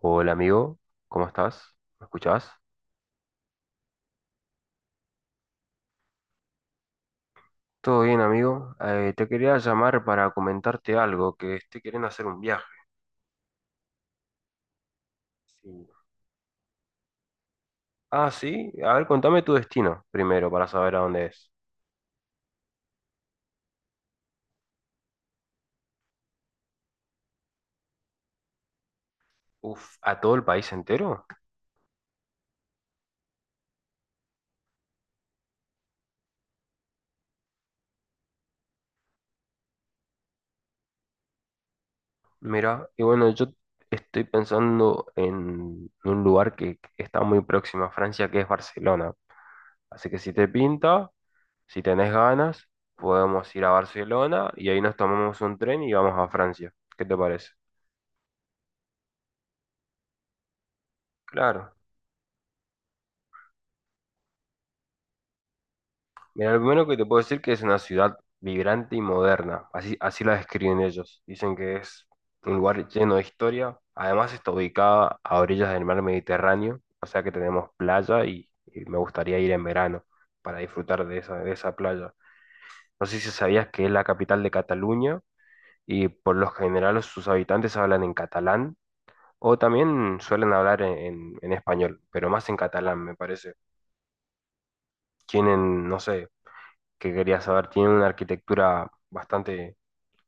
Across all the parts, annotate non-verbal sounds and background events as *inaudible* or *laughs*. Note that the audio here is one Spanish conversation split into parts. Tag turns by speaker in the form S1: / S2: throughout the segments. S1: Hola amigo, ¿cómo estás? ¿Me escuchás? Todo bien amigo. Te quería llamar para comentarte algo, que estoy queriendo hacer un viaje. Sí. Ah, sí, a ver, contame tu destino primero para saber a dónde es. Uf, ¿a todo el país entero? Mira, y bueno, yo estoy pensando en un lugar que está muy próximo a Francia, que es Barcelona. Así que si te pinta, si tenés ganas, podemos ir a Barcelona y ahí nos tomamos un tren y vamos a Francia. ¿Qué te parece? Claro. Mira, lo primero que te puedo decir que es una ciudad vibrante y moderna, así, así la describen ellos. Dicen que es un lugar lleno de historia, además está ubicada a orillas del mar Mediterráneo, o sea que tenemos playa y, me gustaría ir en verano para disfrutar de esa playa. No sé si sabías que es la capital de Cataluña y por lo general sus habitantes hablan en catalán o también suelen hablar en español, pero más en catalán me parece. Tienen, no sé que quería saber, tienen una arquitectura bastante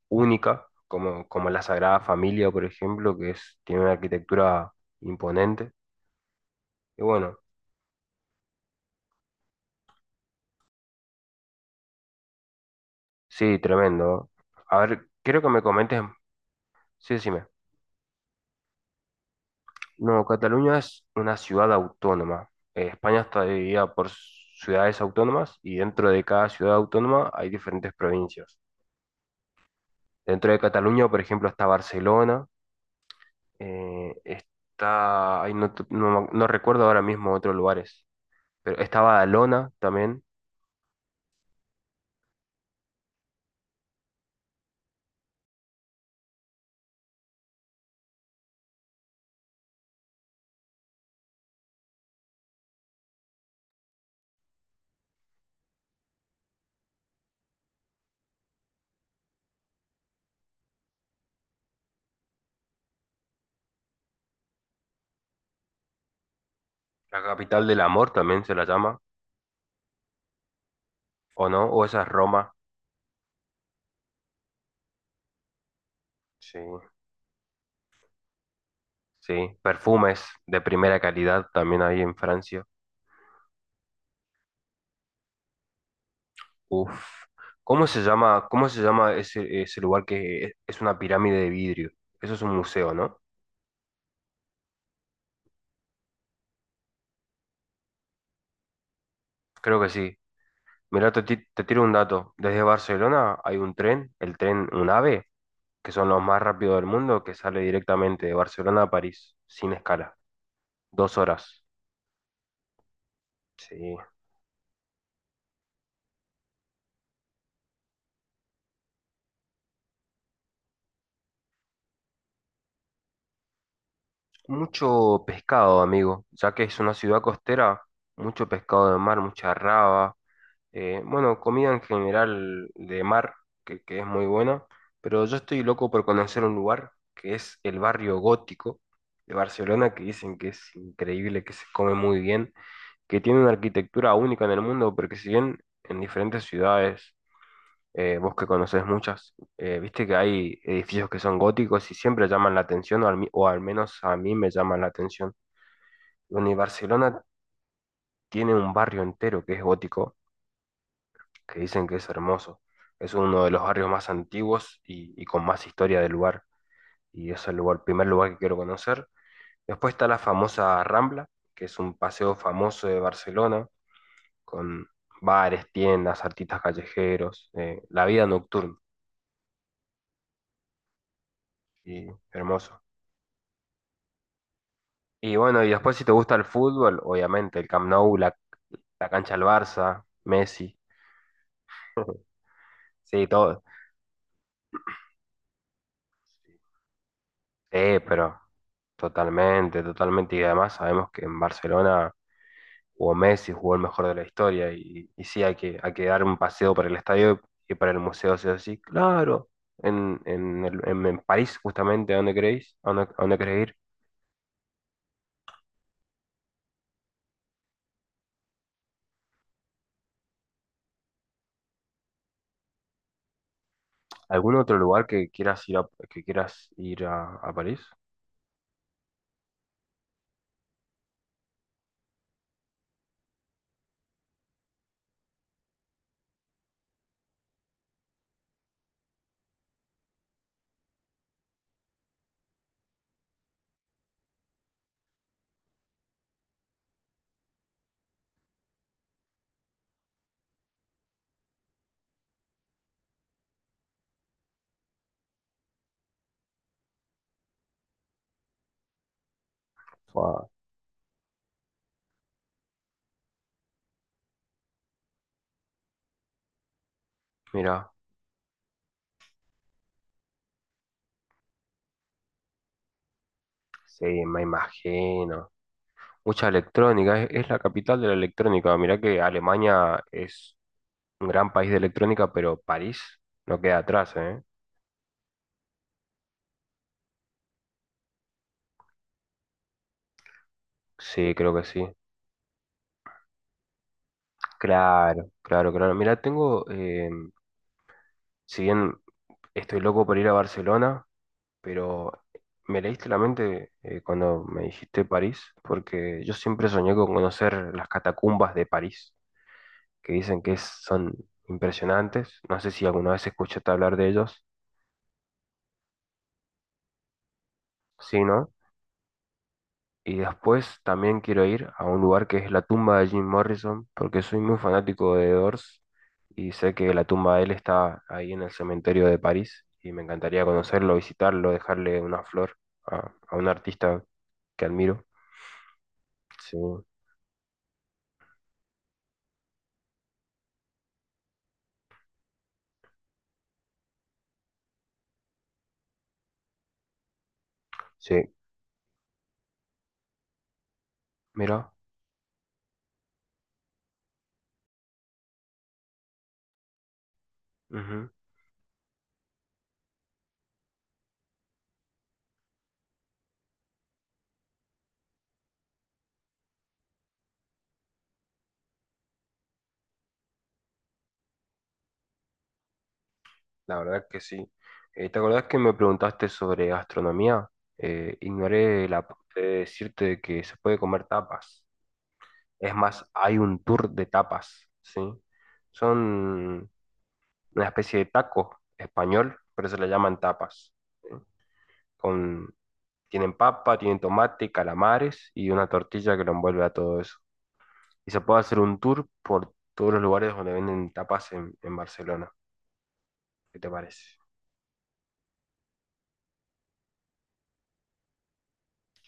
S1: única, como, como la Sagrada Familia, por ejemplo, que es, tiene una arquitectura imponente. Y bueno, sí, tremendo. A ver, quiero que me comentes, sí, decime. No, Cataluña es una ciudad autónoma. España está dividida por ciudades autónomas y dentro de cada ciudad autónoma hay diferentes provincias. Dentro de Cataluña, por ejemplo, está Barcelona, está, ay, no, no recuerdo ahora mismo otros lugares. Pero estaba Alona también. La capital del amor también se la llama, ¿o no? O esa es Roma. Sí, sí. Perfumes de primera calidad también hay en Francia. Uf. Cómo se llama ese, ese lugar que es una pirámide de vidrio? Eso es un museo, ¿no? Creo que sí. Mira te tiro un dato. Desde Barcelona hay un tren, el tren UNAVE, que son los más rápidos del mundo, que sale directamente de Barcelona a París, sin escala. Dos horas. Sí. Mucho pescado, amigo, ya que es una ciudad costera, mucho pescado de mar, mucha raba, bueno, comida en general de mar, que es muy buena, pero yo estoy loco por conocer un lugar que es el barrio gótico de Barcelona, que dicen que es increíble, que se come muy bien, que tiene una arquitectura única en el mundo, porque si bien en diferentes ciudades vos que conocés muchas, viste que hay edificios que son góticos y siempre llaman la atención, o al, o al menos a mí me llaman la atención. Bueno, y Barcelona tiene un barrio entero que es gótico, que dicen que es hermoso. Es uno de los barrios más antiguos y, con más historia del lugar. Y es el lugar, primer lugar que quiero conocer. Después está la famosa Rambla, que es un paseo famoso de Barcelona, con bares, tiendas, artistas callejeros, la vida nocturna. Y hermoso. Y bueno, y después si te gusta el fútbol, obviamente, el Camp Nou, la cancha del Barça, Messi, sí, todo. Sí, pero totalmente, totalmente. Y además sabemos que en Barcelona jugó Messi, jugó el mejor de la historia. Y sí, hay que dar un paseo por el estadio y para el museo, sí o sí. Claro, en París, justamente, ¿a dónde queréis? A dónde querés ir? ¿Algún otro lugar que quieras ir a, que quieras ir a París? Fua, mira, sí, me imagino. Mucha electrónica, es la capital de la electrónica. Mirá que Alemania es un gran país de electrónica, pero París no queda atrás, ¿eh? Sí, creo que sí. Claro, claro, claro. Mirá, tengo, si bien estoy loco por ir a Barcelona, pero me leíste la mente cuando me dijiste París, porque yo siempre soñé con conocer las catacumbas de París, que dicen que son impresionantes. No sé si alguna vez escuchaste hablar de ellos. Sí, ¿no? Y después también quiero ir a un lugar que es la tumba de Jim Morrison, porque soy muy fanático de The Doors y sé que la tumba de él está ahí en el cementerio de París y me encantaría conocerlo, visitarlo, dejarle una flor a un artista que admiro. Sí, sí, mira, ujú. La verdad que sí. ¿Te acordás que me preguntaste sobre gastronomía? Ignoré la parte de decirte que se puede comer tapas. Es más, hay un tour de tapas, ¿sí? Son una especie de taco español, pero se le llaman tapas. ¿Sí? Con, tienen papa, tienen tomate, calamares y una tortilla que lo envuelve a todo eso. Y se puede hacer un tour por todos los lugares donde venden tapas en Barcelona. ¿Qué te parece?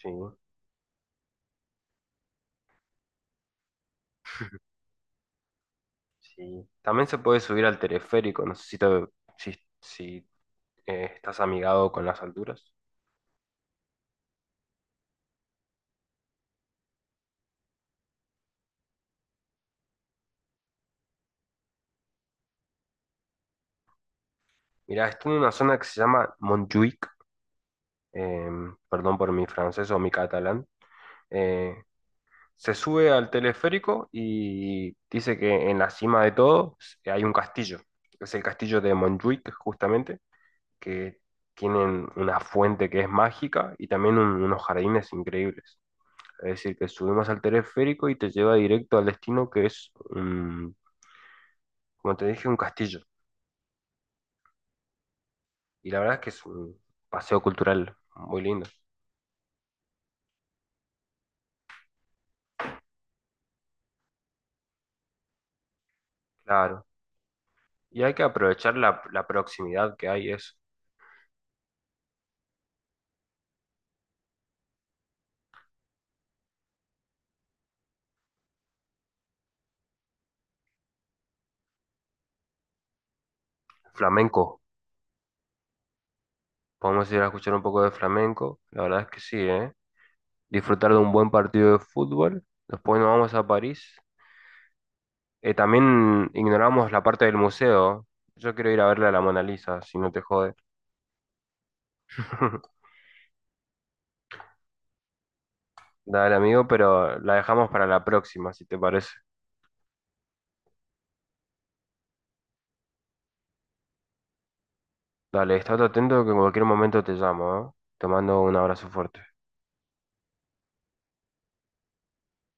S1: Sí, sí. También se puede subir al teleférico, no sé si, si estás amigado con las alturas. Mira, estoy en una zona que se llama Montjuïc, eh, perdón por mi francés o mi catalán, eh, se sube al teleférico y dice que en la cima de todo hay un castillo, es el castillo de Montjuic justamente, que tienen una fuente que es mágica y también unos jardines increíbles. Es decir, que subimos al teleférico y te lleva directo al destino que como te dije, un castillo. Y la verdad es que es un paseo cultural muy lindo. Claro. Y hay que aprovechar la, la proximidad que hay, eso. Flamenco. Podemos ir a escuchar un poco de flamenco. La verdad es que sí, ¿eh? Disfrutar de un buen partido de fútbol. Después nos vamos a París. También ignoramos la parte del museo. Yo quiero ir a verle a la Mona Lisa, si no te jode. *laughs* Dale, amigo, pero la dejamos para la próxima, si te parece. Dale, estate atento que en cualquier momento te llamo, ¿eh? Te mando un abrazo fuerte.